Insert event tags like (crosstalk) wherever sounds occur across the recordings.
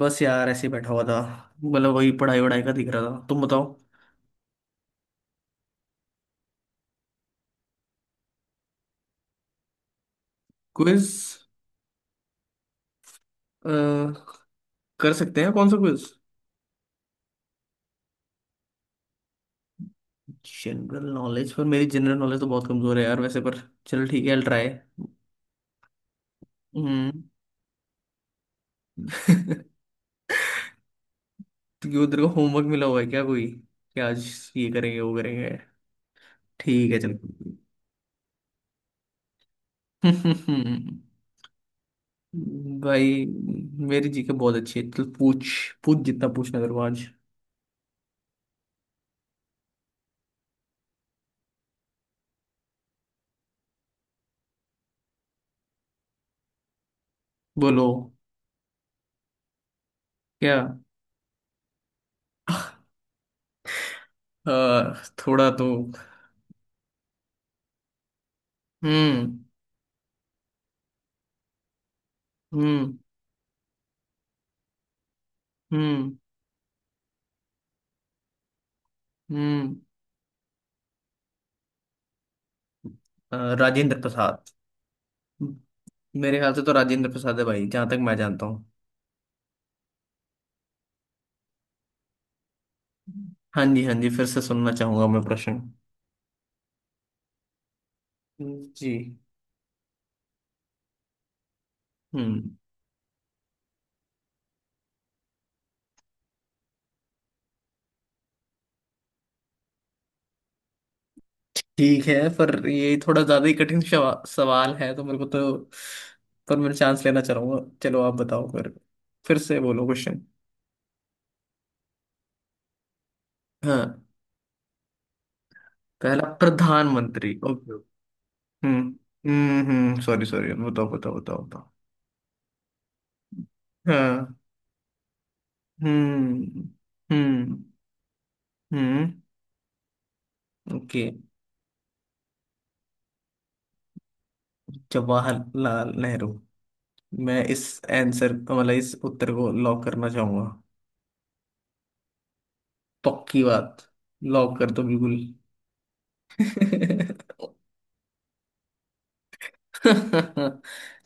बस यार ऐसे ही बैठा हुआ था। मतलब वही पढ़ाई वढ़ाई का दिख रहा था, तुम बताओ। क्विज कर सकते हैं, कौन सा क्विज? जनरल नॉलेज पर मेरी जनरल नॉलेज तो बहुत कमजोर है यार वैसे, पर चलो ठीक है, ट्राई। हम्म। (laughs) तो क्यों तेरे को होमवर्क मिला हुआ है क्या कोई, कि आज ये करेंगे वो करेंगे? ठीक है चलो। (laughs) भाई मेरी GK बहुत अच्छी है, चल पूछ, पूछ जितना पूछना तेरे को आज। बोलो। क्या? (laughs) आ, थोड़ा तो। हम्म। हम्म। हम्म। हम्म। राजेंद्र प्रसाद। मेरे ख्याल से तो राजेंद्र प्रसाद है भाई, जहां तक मैं जानता हूँ। हाँ जी, हाँ जी, फिर से सुनना चाहूंगा मैं प्रश्न। जी। हम्म। ठीक है पर ये थोड़ा ज्यादा ही कठिन सवाल है, तो मेरे को तो, पर मैं चांस लेना चाहूंगा। चलो, आप बताओ फिर से बोलो क्वेश्चन। हाँ। पहला प्रधानमंत्री, ओके। हम्म, हम्म, हम्म, सॉरी, सॉरी, बताओ, बताओ, बताओ, बताओ। हाँ। हम्म। हम्म। हम्म। ओके। जवाहरलाल नेहरू। मैं इस आंसर, मतलब इस उत्तर को लॉक करना चाहूंगा। पक्की बात। लॉक कर दो, बिल्कुल। (laughs)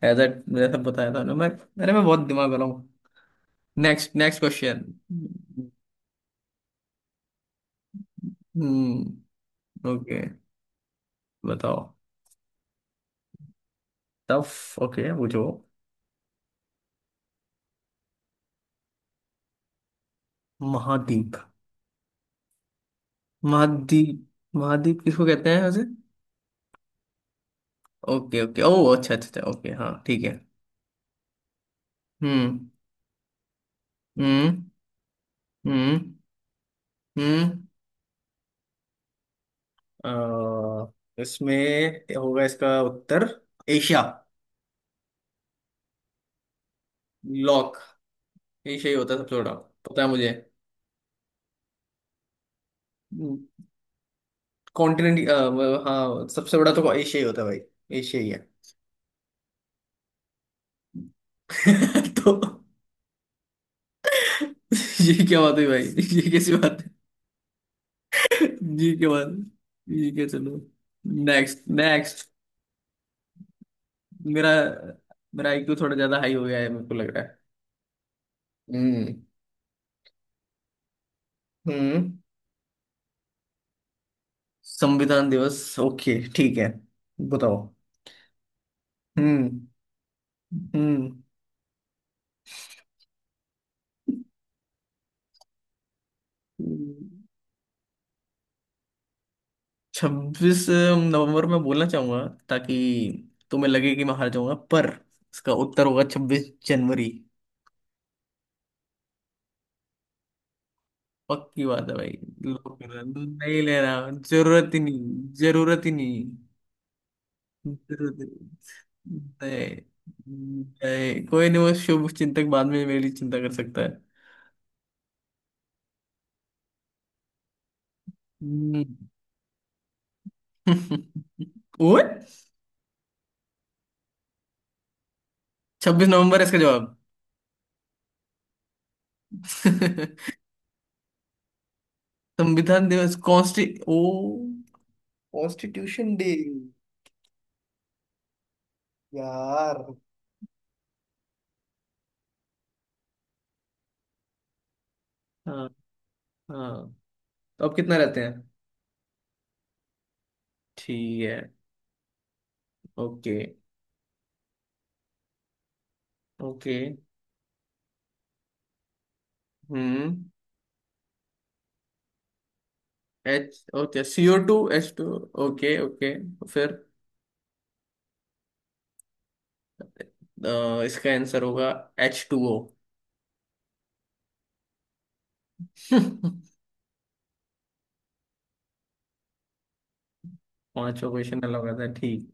ऐसा जैसा बताया था ना मैं, अरे मैं बहुत दिमाग वाला हूँ। Next, next question. हम्म। ओके। बताओ। टफ, ओके, पूछो। महाद्वीप। महाद्वीप, महाद्वीप किसको कहते हैं वैसे? ओके, ओके, ओ अच्छा, अच्छा, ओके, हाँ, ठीक है। हम्म। हम्म। हम्म। हम्म। अ, इसमें होगा इसका उत्तर, एशिया। लॉक। एशिया ही होता है सबसे बड़ा, पता है मुझे, कॉन्टिनेंट। हाँ, सबसे बड़ा तो एशिया ही होता है भाई, एशिया ही है। (laughs) तो ये क्या बात हुई भाई, ये कैसी बात है, ये क्या बात है, ये क्या, चलो। Next, next. मेरा मेरा IQ थोड़ा ज्यादा हाई हो गया है, मेरे को लग रहा है। हम्म। हम्म। संविधान दिवस, ओके, ठीक है, बताओ। हम्म। हम्म। 26 नवंबर में बोलना चाहूंगा ताकि तुम्हें लगे कि मैं हार जाऊंगा, पर इसका उत्तर होगा 26 जनवरी। पक्की बात है भाई। लोग नहीं ले रहा हूं। जरूरत ही नहीं, जरूरत ही नहीं, जरूरत ही नहीं। नहीं, कोई नहीं, वो शुभ चिंतक बाद में मेरी चिंता कर सकता है। हम्म। (laughs) ओए। 26 नवंबर इसका जवाब? (laughs) संविधान दिवस, कॉन्स्टि ओ, कॉन्स्टिट्यूशन डे। यार। हाँ, हाँ, तो अब कितना रहते हैं? ठीक है। ओके। ओके। हम्म। H, okay, CO2, H2, okay, okay, तो फिर इसका आंसर होगा H2O। (laughs) पांचवा क्वेश्चन अलग आता है, ठीक।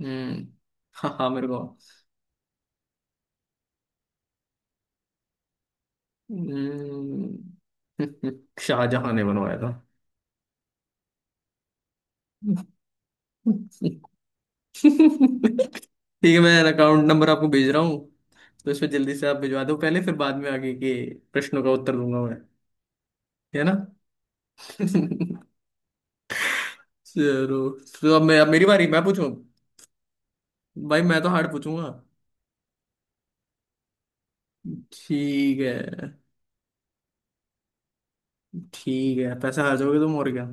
हम्म। हाँ, हाँ, मेरे को। हम्म। (laughs) शाहजहां ने बनवाया था। (laughs) ठीक है, मैं अकाउंट नंबर आपको भेज रहा हूँ। तो इसमें जल्दी से आप भिजवा दो पहले, फिर बाद में आगे के प्रश्नों का उत्तर दूंगा मैं। है ना। (laughs) चलो। तो अब मैं, अब मेरी बारी, मैं पूछूं। भाई मैं तो हार्ड पूछूंगा। ठीक है। ठीक है, पैसा हार जाओगे तुम और क्या।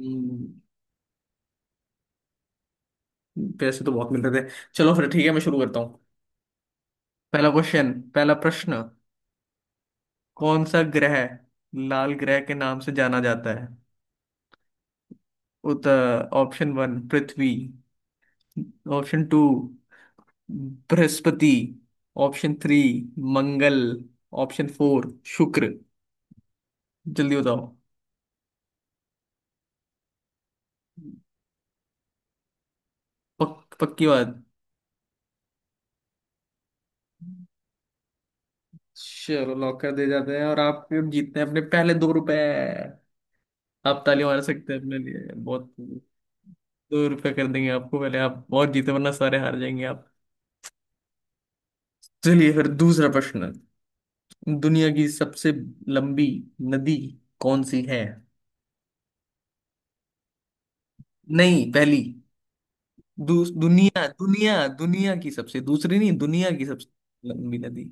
हम्म, पैसे तो बहुत मिल रहे थे। चलो फिर ठीक है, मैं शुरू करता हूँ। पहला क्वेश्चन, पहला प्रश्न। कौन सा ग्रह लाल ग्रह के नाम से जाना जाता है? उत ऑप्शन वन पृथ्वी। ऑप्शन टू बृहस्पति। ऑप्शन थ्री मंगल। ऑप्शन फोर शुक्र। जल्दी बताओ। पक्की बात। चलो लॉक कर दे जाते हैं, और आप फिर जीतते हैं अपने पहले 2 रुपए। आप ताली मार सकते हैं अपने लिए, बहुत 2 रुपए कर देंगे आपको पहले, आप और जीते वरना सारे हार जाएंगे आप। चलिए फिर दूसरा प्रश्न। दुनिया की सबसे लंबी नदी कौन सी है? नहीं पहली। दू, दुनिया, दुनिया, दुनिया की सबसे दूसरी नहीं, दुनिया की सबसे लंबी नदी।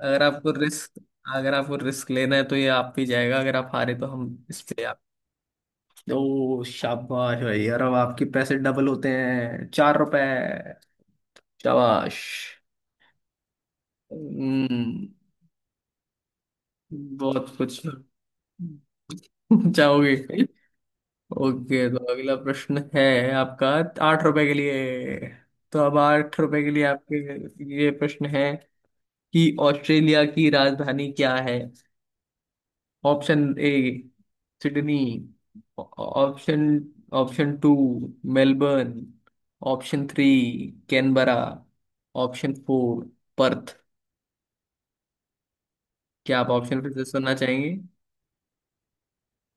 अगर आपको रिस्क अगर आपको रिस्क लेना है तो ये आप भी जाएगा, अगर आप हारे तो हम इस पे आप। ओ शाबाश भाई यार, अब आपके पैसे डबल होते हैं, 4 रुपए। शाबाश। हम्म। बहुत कुछ। (laughs) चाहोगे? ओके, तो अगला प्रश्न है आपका, 8 रुपए के लिए। तो अब 8 रुपए के लिए आपके ये प्रश्न है कि ऑस्ट्रेलिया की राजधानी क्या है? Option A Sydney. Option option two Melbourne. Option three Canberra. Option four Perth. क्या आप ऑप्शन फिर से सुनना चाहेंगे?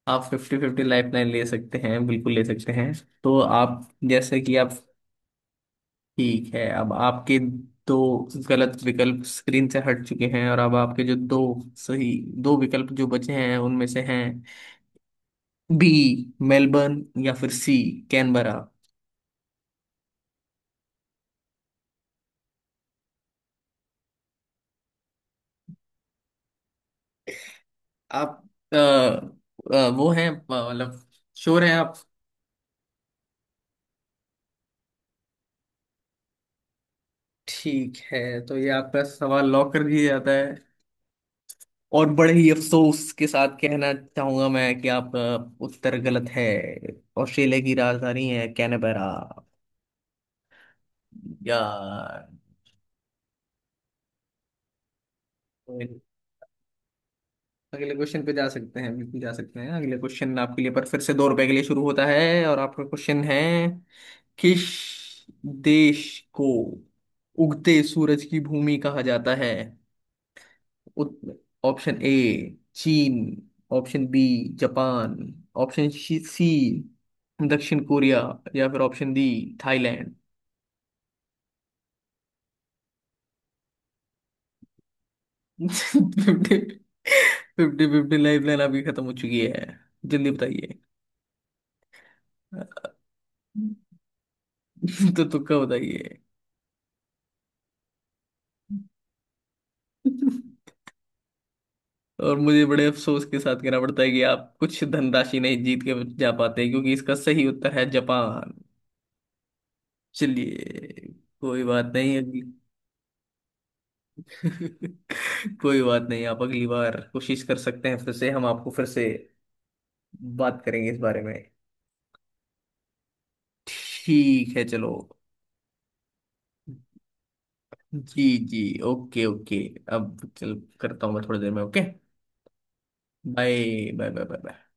आप फिफ्टी फिफ्टी लाइफ लाइन ले सकते हैं, बिल्कुल ले सकते हैं। तो आप, जैसे कि आप। ठीक है, अब आपके दो गलत विकल्प स्क्रीन से हट चुके हैं, और अब आपके जो दो सही, दो विकल्प जो बचे हैं उनमें से हैं, बी मेलबर्न या फिर सी कैनबरा। आप अ, अ, वो हैं अ, मतलब श्योर हैं आप? ठीक है, तो ये आपका सवाल लॉक कर दिया जाता है, और बड़े ही अफसोस के साथ कहना चाहूंगा मैं कि आपका उत्तर गलत है। ऑस्ट्रेलिया की राजधानी है कैनबरा। यार। तो इन- अगले क्वेश्चन पे जा सकते हैं, बिल्कुल जा सकते हैं। अगले क्वेश्चन आपके लिए पर फिर से 2 रुपए के लिए शुरू होता है, और आपका क्वेश्चन है, किस देश को उगते सूरज की भूमि कहा जाता है? ऑप्शन ए चीन। Option B Japan. Option C दक्षिण कोरिया। या फिर option D Thailand. Fifty fifty fifty lifeline आपकी खत्म हो चुकी है। जल्दी बताइए। (laughs) तो तुक्का बताइए। और मुझे बड़े अफसोस के साथ कहना पड़ता है कि आप कुछ धनराशि नहीं जीत के जा पाते, क्योंकि इसका सही उत्तर है जापान। चलिए, कोई बात नहीं। (laughs) कोई बात नहीं, आप अगली बार कोशिश कर सकते हैं, फिर से हम आपको फिर से बात करेंगे इस बारे में। ठीक है चलो। जी जी, ओके ओके। अब चल करता हूँ मैं थोड़ी देर में, okay. Bye, bye, bye, bye.